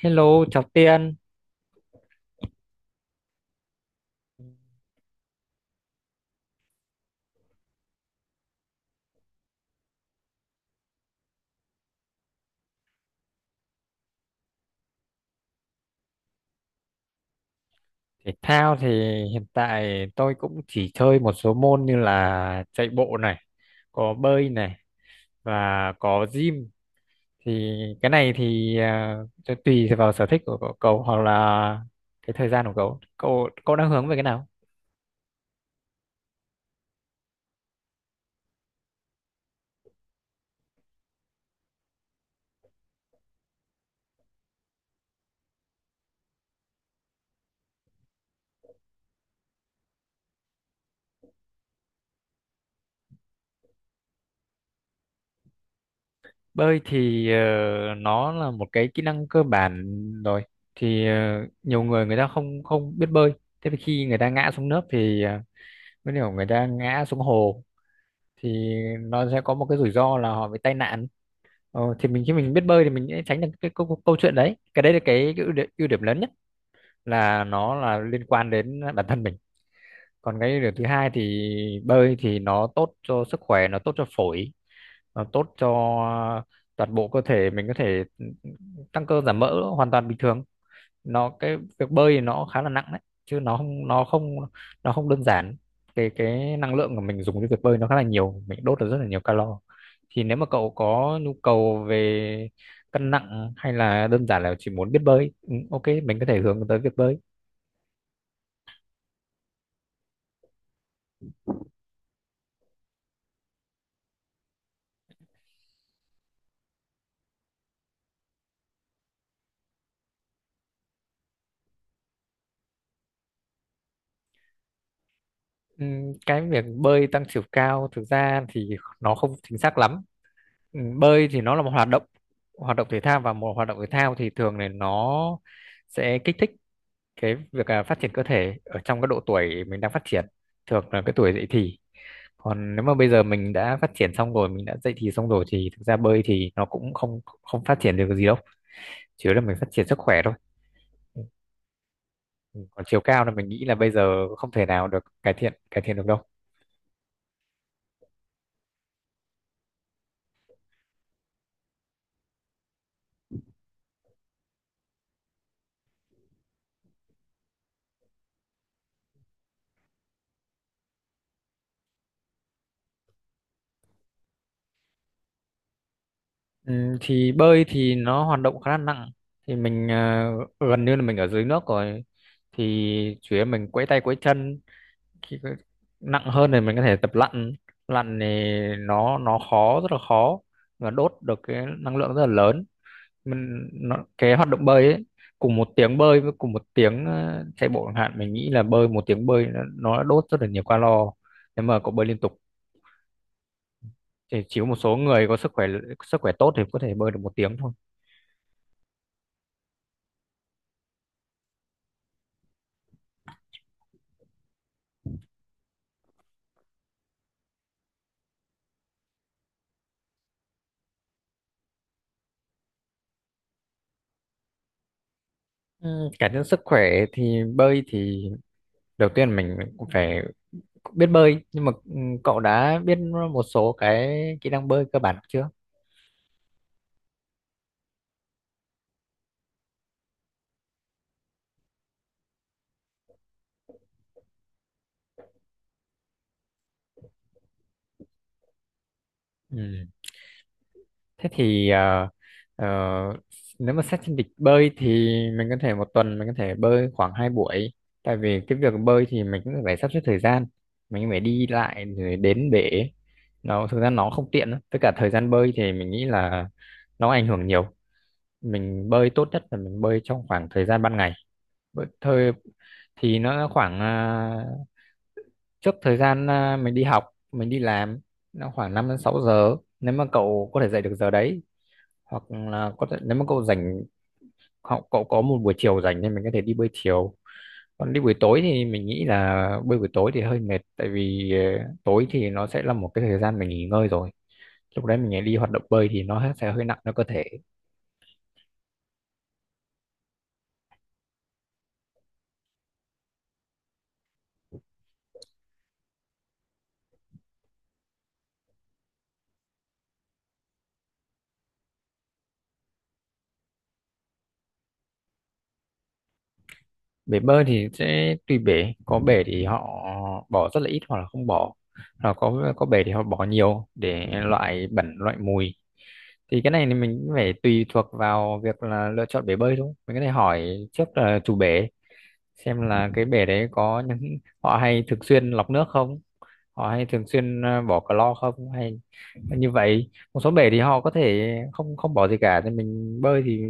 Hello, chào Tiên. Thể thao thì hiện tại tôi cũng chỉ chơi một số môn như là chạy bộ này, có bơi này và có gym. Thì cái này thì cho tùy vào sở thích của cậu cậu hoặc là cái thời gian của cậu. Cậu đang hướng về cái nào? Bơi thì nó là một cái kỹ năng cơ bản rồi. Thì nhiều người người ta không không biết bơi. Thế thì khi người ta ngã xuống nước thì mới hiểu người ta ngã xuống hồ thì nó sẽ có một cái rủi ro là họ bị tai nạn, thì mình khi mình biết bơi thì mình sẽ tránh được cái câu chuyện đấy. Cái đấy là cái ưu điểm lớn nhất, là nó là liên quan đến bản thân mình. Còn cái điều thứ hai thì bơi thì nó tốt cho sức khỏe, nó tốt cho phổi, nó tốt cho toàn bộ cơ thể mình, có thể tăng cơ giảm mỡ hoàn toàn bình thường. Nó, cái việc bơi thì nó khá là nặng đấy, chứ nó không đơn giản. Cái năng lượng của mình dùng cái việc bơi nó khá là nhiều, mình đốt được rất là nhiều calo. Thì nếu mà cậu có nhu cầu về cân nặng hay là đơn giản là chỉ muốn biết bơi, ok, mình có thể hướng tới việc bơi. Ừ, cái việc bơi tăng chiều cao thực ra thì nó không chính xác lắm. Ừ, bơi thì nó là một hoạt động thể thao, và một hoạt động thể thao thì thường này nó sẽ kích thích cái việc phát triển cơ thể ở trong cái độ tuổi mình đang phát triển, thường là cái tuổi dậy thì. Còn nếu mà bây giờ mình đã phát triển xong rồi, mình đã dậy thì xong rồi, thì thực ra bơi thì nó cũng không không phát triển được cái gì đâu, chủ yếu là mình phát triển sức khỏe thôi. Ừ, ừ. Còn chiều cao là mình nghĩ là bây giờ không thể nào được cải thiện được đâu. Thì bơi thì nó hoạt động khá là nặng, thì mình gần như là mình ở dưới nước rồi, thì chủ yếu mình quẫy tay quẫy chân. khi có- Nặng hơn thì mình có thể tập lặn. Lặn thì nó khó, rất là khó, và đốt được cái năng lượng rất là lớn. Cái hoạt động bơi ấy, cùng một tiếng bơi với cùng một tiếng chạy bộ chẳng hạn, mình nghĩ là bơi, một tiếng bơi nó đã đốt rất là nhiều calo nếu mà cậu bơi liên tục. Thì chỉ có một số người có sức khỏe tốt thì có thể bơi được một tiếng thôi. Ừ, cải thiện sức khỏe thì bơi thì đầu tiên mình cũng phải biết bơi, nhưng mà cậu đã biết một số cái kỹ năng bơi cơ bản chưa? Ừ. Thế thì ờ, nếu mà xét trên lịch bơi thì mình có thể một tuần mình có thể bơi khoảng hai buổi, tại vì cái việc bơi thì mình cũng phải sắp xếp thời gian, mình phải đi lại rồi đến bể, nó thực ra nó không tiện lắm. Với cả thời gian bơi thì mình nghĩ là nó ảnh hưởng nhiều. Mình bơi tốt nhất là mình bơi trong khoảng thời gian ban ngày. Bởi- thời Thì nó khoảng trước thời gian mình đi học, mình đi làm, nó khoảng 5 đến 6 giờ, nếu mà cậu có thể dậy được giờ đấy. Hoặc là có thể nếu mà cậu rảnh, cậu có một buổi chiều rảnh, thì mình có thể đi bơi chiều. Còn đi buổi tối thì mình nghĩ là bơi buổi tối thì hơi mệt, tại vì tối thì nó sẽ là một cái thời gian mình nghỉ ngơi rồi, lúc đấy mình lại đi hoạt động bơi thì nó sẽ hơi nặng cho cơ thể. Bể bơi thì sẽ tùy bể, có bể thì họ bỏ rất là ít hoặc là không bỏ, hoặc có bể thì họ bỏ nhiều để loại bẩn loại mùi. Thì cái này thì mình cũng phải tùy thuộc vào việc là lựa chọn bể bơi thôi. Mình có thể hỏi trước là chủ bể, xem là cái bể đấy có những họ hay thường xuyên lọc nước không, họ hay thường xuyên bỏ clo không, hay như vậy. Một số bể thì họ có thể không không bỏ gì cả, thì mình bơi thì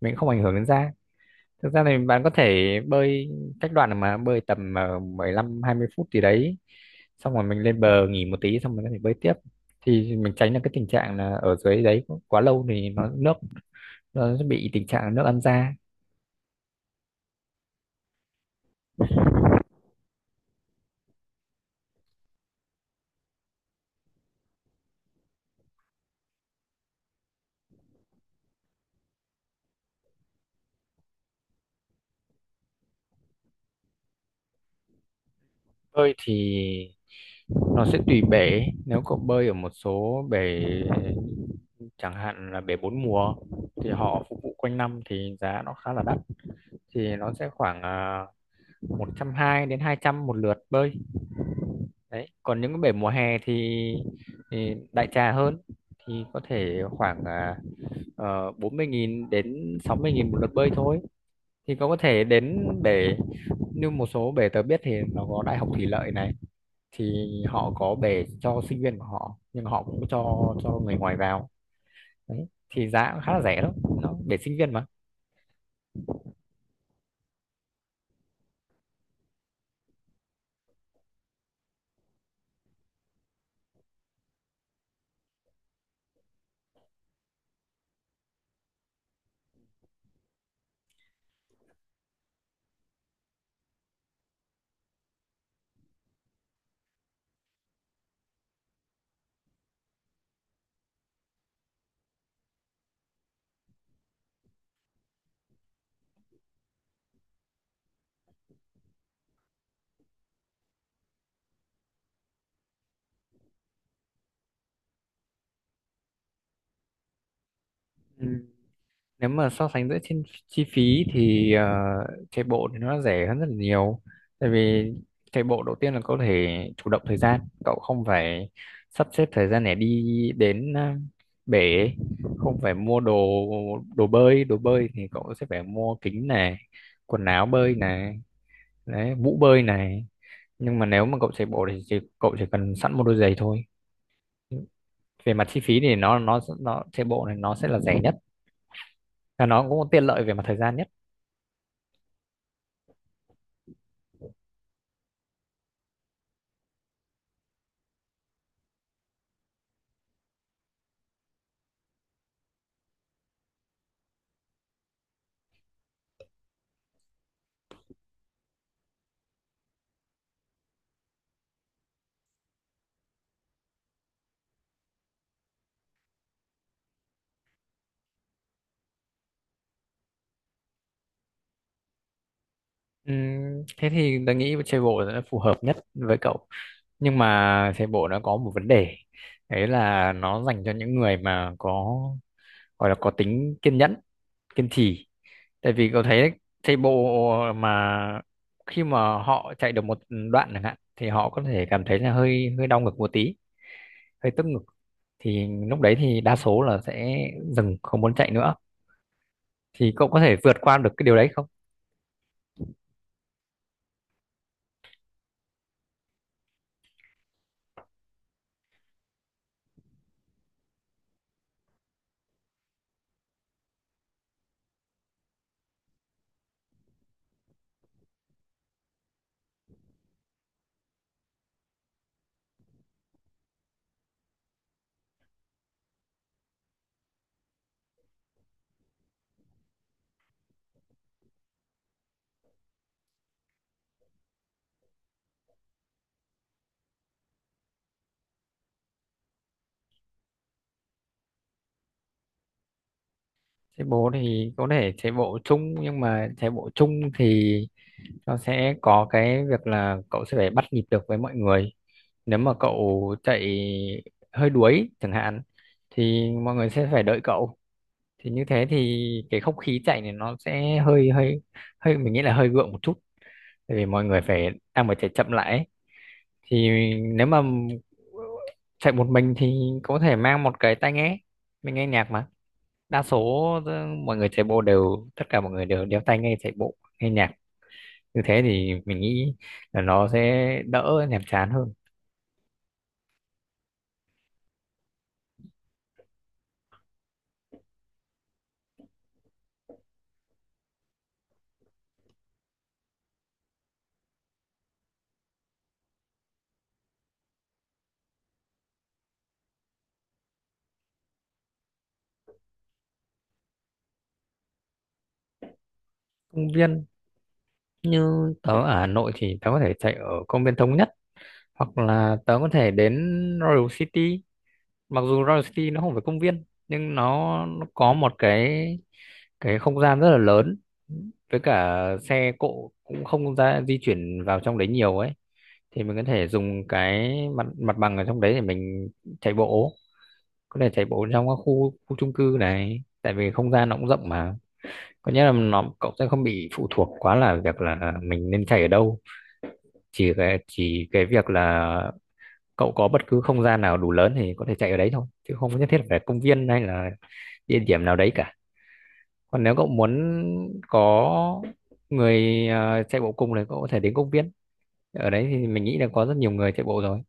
mình không ảnh hưởng đến da. Thực ra thì bạn có thể bơi cách đoạn, mà bơi tầm 15 20 phút gì đấy, xong rồi mình lên bờ nghỉ một tí xong mình có thể bơi tiếp. Thì mình tránh được cái tình trạng là ở dưới đấy quá lâu thì nó nước, nó sẽ bị tình trạng là nước ăn da. Bơi thì nó sẽ tùy bể. Nếu cậu bơi ở một số bể chẳng hạn là bể bốn mùa thì họ phục vụ quanh năm thì giá nó khá là đắt. Thì nó sẽ khoảng uh, 120 đến 200 một lượt bơi. Đấy, còn những cái bể mùa hè thì đại trà hơn, thì có thể khoảng 40.000 đến 60.000 một lượt bơi thôi. Thì cậu có thể đến bể, như một số bể tớ biết thì nó có Đại học Thủy lợi này, thì họ có bể cho sinh viên của họ nhưng họ cũng cho người ngoài vào đấy, thì giá cũng khá là rẻ đó, nó để sinh viên mà. Ừ. Nếu mà so sánh giữa trên chi phí thì chạy bộ thì nó rẻ hơn rất là nhiều. Tại vì chạy bộ đầu tiên là có thể chủ động thời gian, cậu không phải sắp xếp thời gian để đi đến bể, không phải mua đồ. Đồ bơi, đồ bơi thì cậu sẽ phải mua kính này, quần áo bơi này, đấy, mũ bơi này. Nhưng mà nếu mà cậu chạy bộ thì chỉ, cậu chỉ cần sẵn một đôi giày thôi. Về mặt chi phí thì nó chạy bộ này nó sẽ là rẻ nhất, và nó cũng tiện lợi về mặt thời gian nhất. Thế thì tôi nghĩ chạy bộ là phù hợp nhất với cậu. Nhưng mà chạy bộ nó có một vấn đề, đấy là nó dành cho những người mà có, gọi là có tính kiên nhẫn, kiên trì. Tại vì cậu thấy đấy, chạy bộ mà khi mà họ chạy được một đoạn chẳng hạn thì họ có thể cảm thấy là hơi hơi đau ngực một tí, hơi tức ngực, thì lúc đấy thì đa số là sẽ dừng, không muốn chạy nữa. Thì cậu có thể vượt qua được cái điều đấy không? Chạy bộ thì có thể chạy bộ chung, nhưng mà chạy bộ chung thì nó sẽ có cái việc là cậu sẽ phải bắt nhịp được với mọi người. Nếu mà cậu chạy hơi đuối chẳng hạn thì mọi người sẽ phải đợi cậu. Thì như thế thì cái không khí chạy này nó sẽ hơi hơi hơi mình nghĩ là hơi gượng một chút, tại vì mọi người phải đang phải chạy chậm lại ấy. Thì nếu mà chạy một mình thì có thể mang một cái tai nghe, mình nghe nhạc mà. Đa số mọi người chạy bộ đều, tất cả mọi người đều đeo tai nghe chạy bộ nghe nhạc, như thế thì mình nghĩ là nó sẽ đỡ nhàm chán hơn. Công viên, như tớ ở Hà Nội thì tớ có thể chạy ở công viên Thống Nhất, hoặc là tớ có thể đến Royal City. Mặc dù Royal City nó không phải công viên, nhưng nó có một cái không gian rất là lớn, với cả xe cộ cũng không ra di chuyển vào trong đấy nhiều ấy. Thì mình có thể dùng cái mặt mặt bằng ở trong đấy để mình chạy bộ. Có thể chạy bộ trong các khu khu chung cư này, tại vì không gian nó cũng rộng mà. Có nghĩa là nó, cậu sẽ không bị phụ thuộc quá là việc là mình nên chạy ở đâu. Chỉ cái việc là cậu có bất cứ không gian nào đủ lớn thì có thể chạy ở đấy thôi, chứ không nhất thiết phải công viên hay là địa điểm nào đấy cả. Còn nếu cậu muốn có người chạy bộ cùng thì cậu có thể đến công viên, ở đấy thì mình nghĩ là có rất nhiều người chạy bộ rồi.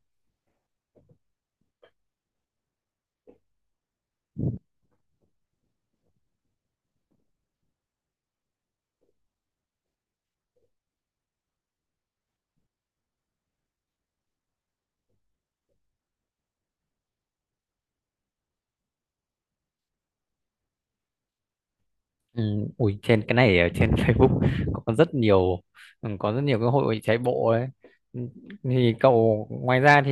Ừ, ui trên cái này ở trên Facebook có rất nhiều, ừ, có rất nhiều cái hội chạy bộ đấy. Ừ, thì cậu ngoài ra thì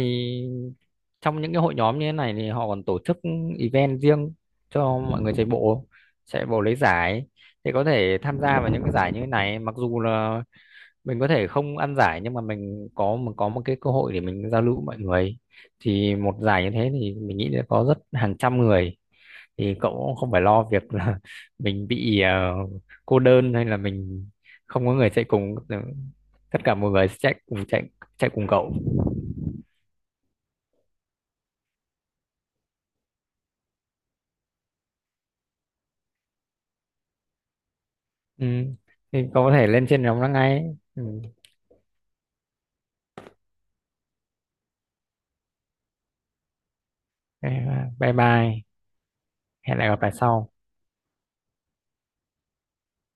trong những cái hội nhóm như thế này thì họ còn tổ chức event riêng cho mọi người chạy bộ, chạy bộ lấy giải. Thì có thể tham gia vào những cái giải như thế này, mặc dù là mình có thể không ăn giải nhưng mà mình có, mình có một cái cơ hội để mình giao lưu với mọi người. Thì một giải như thế thì mình nghĩ là có rất, hàng trăm người. Thì cậu cũng không phải lo việc là mình bị cô đơn hay là mình không có người chạy cùng, tất cả mọi người sẽ chạy cùng, chạy chạy cùng cậu. Ừ. Thì cậu có thể lên trên nhóm đó ngay. Ừ. Ok, bye bye, hẹn lại gặp lại sau.